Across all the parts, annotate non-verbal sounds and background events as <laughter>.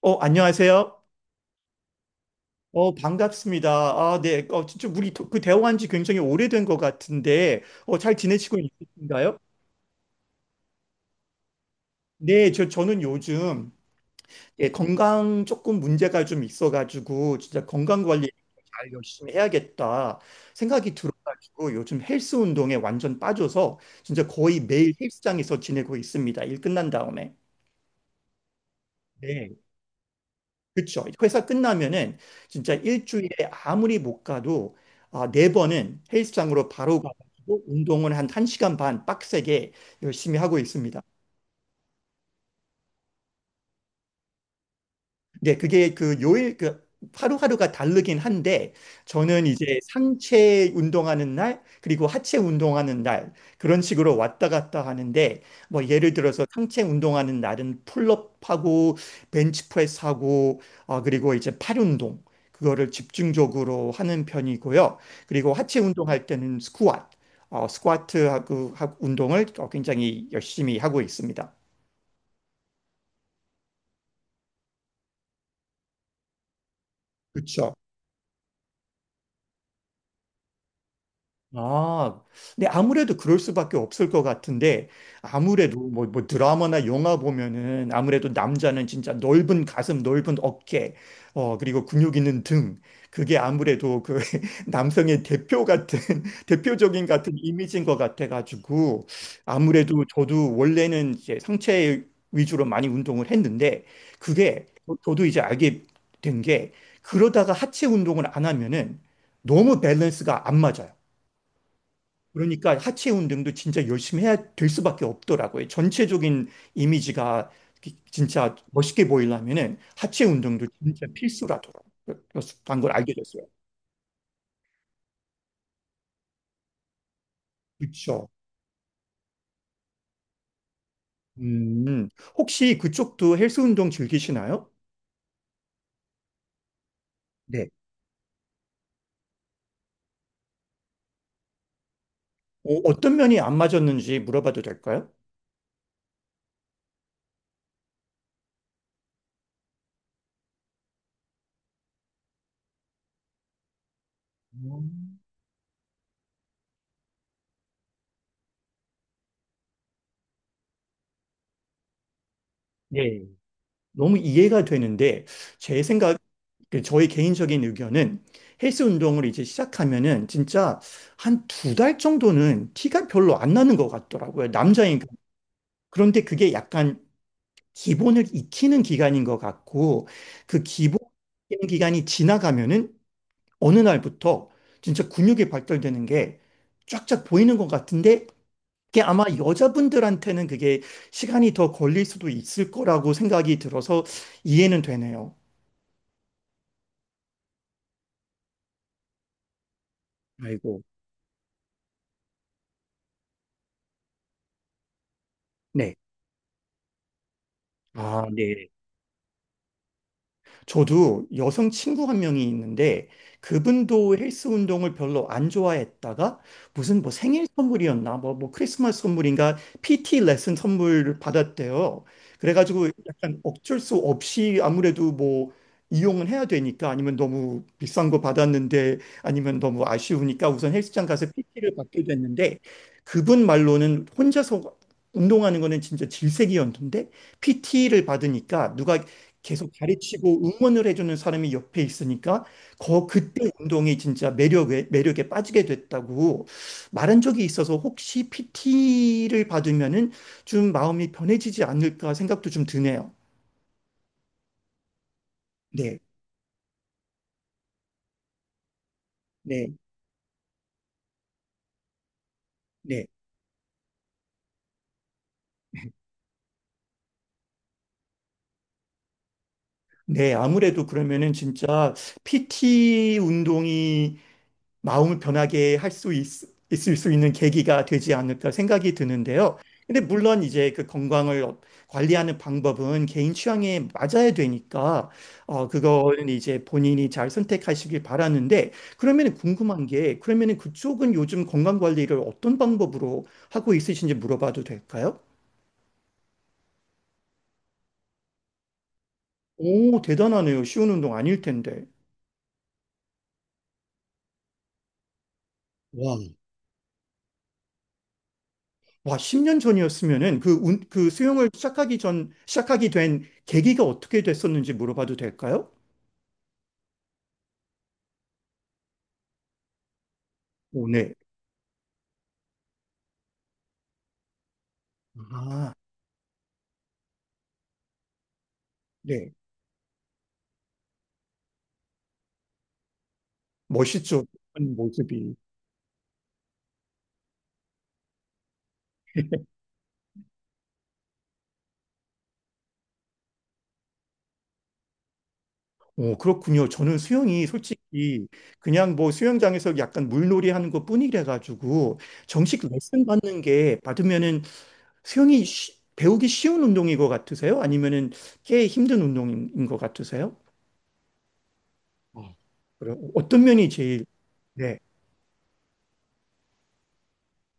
안녕하세요. 반갑습니다. 아, 네. 진짜 우리 대화한 지 굉장히 오래된 것 같은데, 잘 지내시고 있으신가요? 네, 저는 요즘 예, 건강 조금 문제가 좀 있어가지고, 진짜 건강 관리 잘 열심히 해야겠다 생각이 들어가지고, 요즘 헬스 운동에 완전 빠져서, 진짜 거의 매일 헬스장에서 지내고 있습니다. 일 끝난 다음에. 네. 그렇죠. 회사 끝나면은 진짜 일주일에 아무리 못 가도 아, 네 번은 헬스장으로 바로 가고 운동은 한 1시간 반 빡세게 열심히 하고 있습니다. 네, 그게 그 요일, 그 하루하루가 다르긴 한데, 저는 이제 상체 운동하는 날, 그리고 하체 운동하는 날, 그런 식으로 왔다 갔다 하는데, 뭐 예를 들어서 상체 운동하는 날은 풀업하고, 벤치프레스하고, 그리고 이제 팔 운동, 그거를 집중적으로 하는 편이고요. 그리고 하체 운동할 때는 스쿼트, 스쿼트하고 운동을 굉장히 열심히 하고 있습니다. 그렇죠. 아, 근데 아무래도 그럴 수밖에 없을 것 같은데, 아무래도 뭐 드라마나 영화 보면은 아무래도 남자는 진짜 넓은 가슴, 넓은 어깨, 그리고 근육 있는 등, 그게 아무래도 그 <laughs> 남성의 대표 같은, <laughs> 대표적인 같은 이미지인 것 같아가지고, 아무래도 저도 원래는 이제 상체 위주로 많이 운동을 했는데, 그게 저도 이제 알게 된 게, 그러다가 하체 운동을 안 하면은 너무 밸런스가 안 맞아요. 그러니까 하체 운동도 진짜 열심히 해야 될 수밖에 없더라고요. 전체적인 이미지가 진짜 멋있게 보이려면은 하체 운동도 진짜 필수라더라고요 걸 알게 됐어요. 그렇죠. 음, 혹시 그쪽도 헬스 운동 즐기시나요? 네. 어떤 면이 안 맞았는지 물어봐도 될까요? 음. 네. 너무 이해가 되는데 제 생각 그 저희 개인적인 의견은 헬스 운동을 이제 시작하면은 진짜 한 두 달 정도는 티가 별로 안 나는 것 같더라고요. 남자인. 그런데 그게 약간 기본을 익히는 기간인 것 같고 그 기본 기간이 지나가면은 어느 날부터 진짜 근육이 발달되는 게 쫙쫙 보이는 것 같은데 그게 아마 여자분들한테는 그게 시간이 더 걸릴 수도 있을 거라고 생각이 들어서 이해는 되네요. 아이고. 네. 아, 네. 저도 여성 친구 한 명이 있는데 그분도 헬스 운동을 별로 안 좋아했다가 무슨 뭐 생일 선물이었나 뭐 크리스마스 선물인가 PT 레슨 선물을 받았대요. 그래가지고 약간 어쩔 수 없이 아무래도 뭐 이용은 해야 되니까 아니면 너무 비싼 거 받았는데 아니면 너무 아쉬우니까 우선 헬스장 가서 PT를 받게 됐는데 그분 말로는 혼자서 운동하는 거는 진짜 질색이었는데 PT를 받으니까 누가 계속 가르치고 응원을 해주는 사람이 옆에 있으니까 거 그때 운동이 진짜 매력에 매력에 빠지게 됐다고 말한 적이 있어서 혹시 PT를 받으면은 좀 마음이 변해지지 않을까 생각도 좀 드네요. 네, 네, 네. 네, 아무래도 그러면은 진짜 PT 운동이 마음을 변하게 할 수 있을 수 있는 계기가 되지 않을까 생각이 드는데요. 근데 물론 이제 그 건강을 관리하는 방법은 개인 취향에 맞아야 되니까 그거는 이제 본인이 잘 선택하시길 바라는데 그러면은 궁금한 게 그러면은 그쪽은 요즘 건강 관리를 어떤 방법으로 하고 있으신지 물어봐도 될까요? 오, 대단하네요. 쉬운 운동 아닐 텐데. 와. 와, 10년 전이었으면은 그 수영을 시작하기 전, 시작하게 된 계기가 어떻게 됐었는지 물어봐도 될까요? 오, 네. 아, 네. 멋있죠. 그런 모습이. 오, 그렇군요. 저는 수영이 솔직히 그냥 뭐 수영장에서 약간 물놀이 하는 것뿐이라 가지고 정식 레슨 받는 게 받으면은 수영이 배우기 쉬운 운동인 것 같으세요? 아니면은 꽤 힘든 운동인 것 같으세요? 어, 그럼 어떤 면이 제일 네.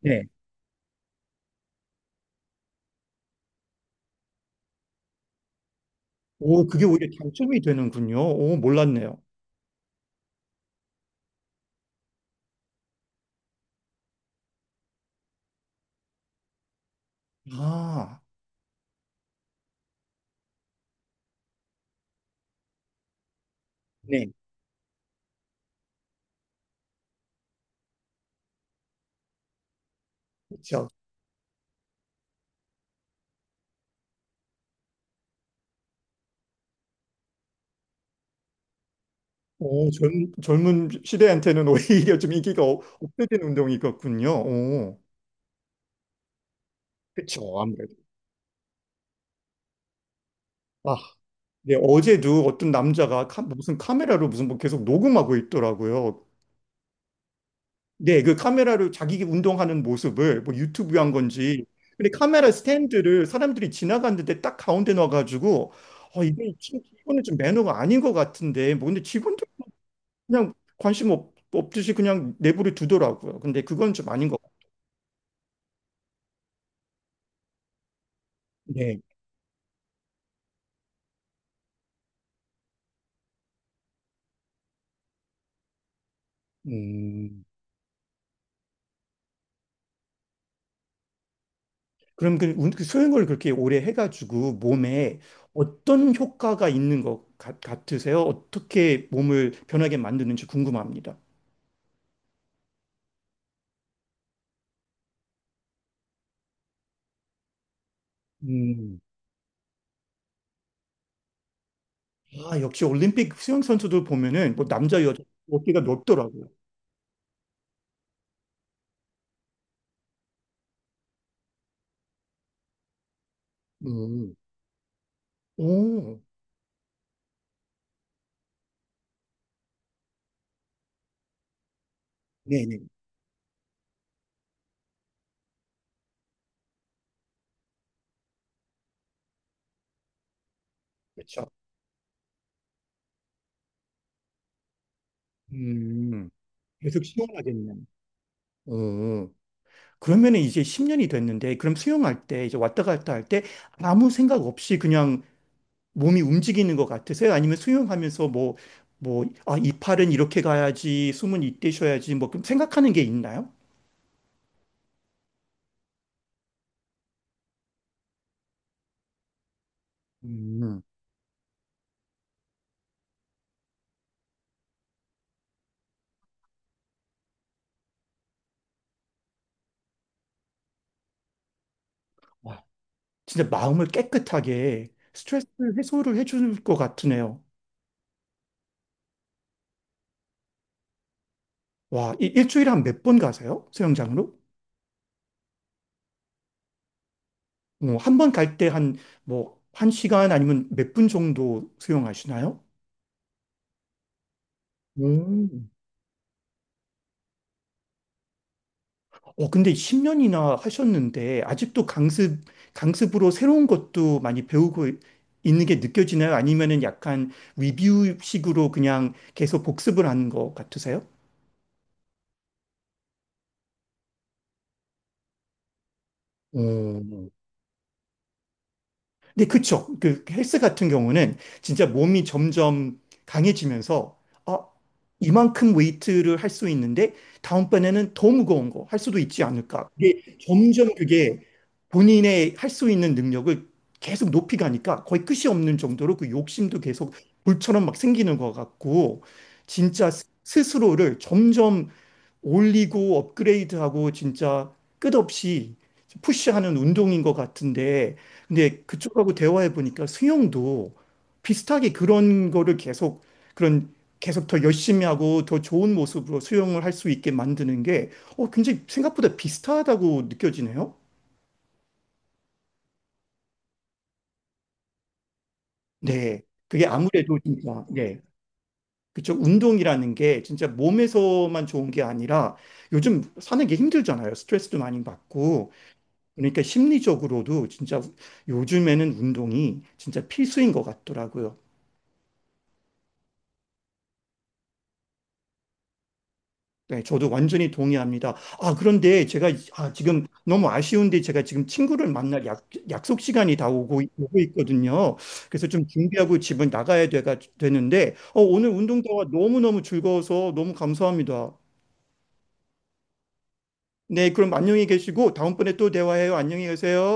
네. 오, 그게 오히려 장점이 되는군요. 오, 몰랐네요. 음. 아, 네. 그렇죠. 오, 젊은 시대한테는 <laughs> 오히려 좀 인기가 없어진 운동이겠군요. 오, 그죠 아무래도. 아, 네, 어제도 어떤 남자가 무슨 카메라로 무슨 뭐 계속 녹음하고 있더라고요. 네, 그 카메라로 자기 운동하는 모습을 뭐 유튜브 한 건지. 근데 카메라 스탠드를 사람들이 지나갔는데 딱 가운데 놔가지고, 이거는 좀 매너가 아닌 것 같은데, 뭐 근데 직원들 그냥 관심 없듯이 그냥 내버려 두더라고요. 근데 그건 좀 아닌 것 같아요. 음, 그럼 그 수영을 그렇게 오래 해가지고 몸에 어떤 효과가 있는 것 같으세요? 어떻게 몸을 변하게 만드는지 궁금합니다. 음, 아, 역시 올림픽 수영 선수들 보면은 뭐 남자, 여자 어깨가 넓더라고요. 음, 오, 네네. 그렇죠. 음, 계속 시원하겠네요. 오. 그러면 이제 10년이 됐는데, 그럼 수영할 때, 이제 왔다 갔다 할 때 아무 생각 없이 그냥 몸이 움직이는 것 같으세요? 아니면 수영하면서 뭐, 아, 이 팔은 이렇게 가야지, 숨은 이때 쉬어야지, 뭐, 그럼 생각하는 게 있나요? 음, 와, 진짜 마음을 깨끗하게 스트레스 해소를 해줄 것 같으네요. 와, 일주일에 한 몇 번 가세요? 수영장으로? 한번 갈 때 한, 뭐, 한 시간 아니면 몇 분 정도 수영하시나요? 오. 근데 10년이나 하셨는데 아직도 강습으로 새로운 것도 많이 배우고 있는 게 느껴지나요? 아니면은 약간 리뷰식으로 그냥 계속 복습을 하는 것 같으세요? 어, 네, 그쵸. 그 헬스 같은 경우는 진짜 몸이 점점 강해지면서, 아, 이만큼 웨이트를 할 수 있는데, 다음번에는 더 무거운 거 할 수도 있지 않을까. 그게 점점 그게 본인의 할 수 있는 능력을 계속 높이 가니까 거의 끝이 없는 정도로 그 욕심도 계속 불처럼 막 생기는 것 같고, 진짜 스스로를 점점 올리고 업그레이드하고 진짜 끝없이 푸시하는 운동인 것 같은데, 근데 그쪽하고 대화해 보니까 수영도 비슷하게 그런 거를 계속 그런 계속 더 열심히 하고 더 좋은 모습으로 수영을 할 수 있게 만드는 게 굉장히 생각보다 비슷하다고 느껴지네요. 네, 그게 아무래도 진짜 네. 그쵸. 운동이라는 게 진짜 몸에서만 좋은 게 아니라 요즘 사는 게 힘들잖아요. 스트레스도 많이 받고. 그러니까 심리적으로도 진짜 요즘에는 운동이 진짜 필수인 것 같더라고요. 네, 저도 완전히 동의합니다. 아, 그런데 제가 지금 너무 아쉬운데 제가 지금 친구를 만날 약속 시간이 다 오고 있거든요. 그래서 좀 준비하고 집에 나가야 되는데 오늘 운동 대화 너무너무 즐거워서 너무 감사합니다. 네, 그럼 안녕히 계시고 다음번에 또 대화해요. 안녕히 계세요.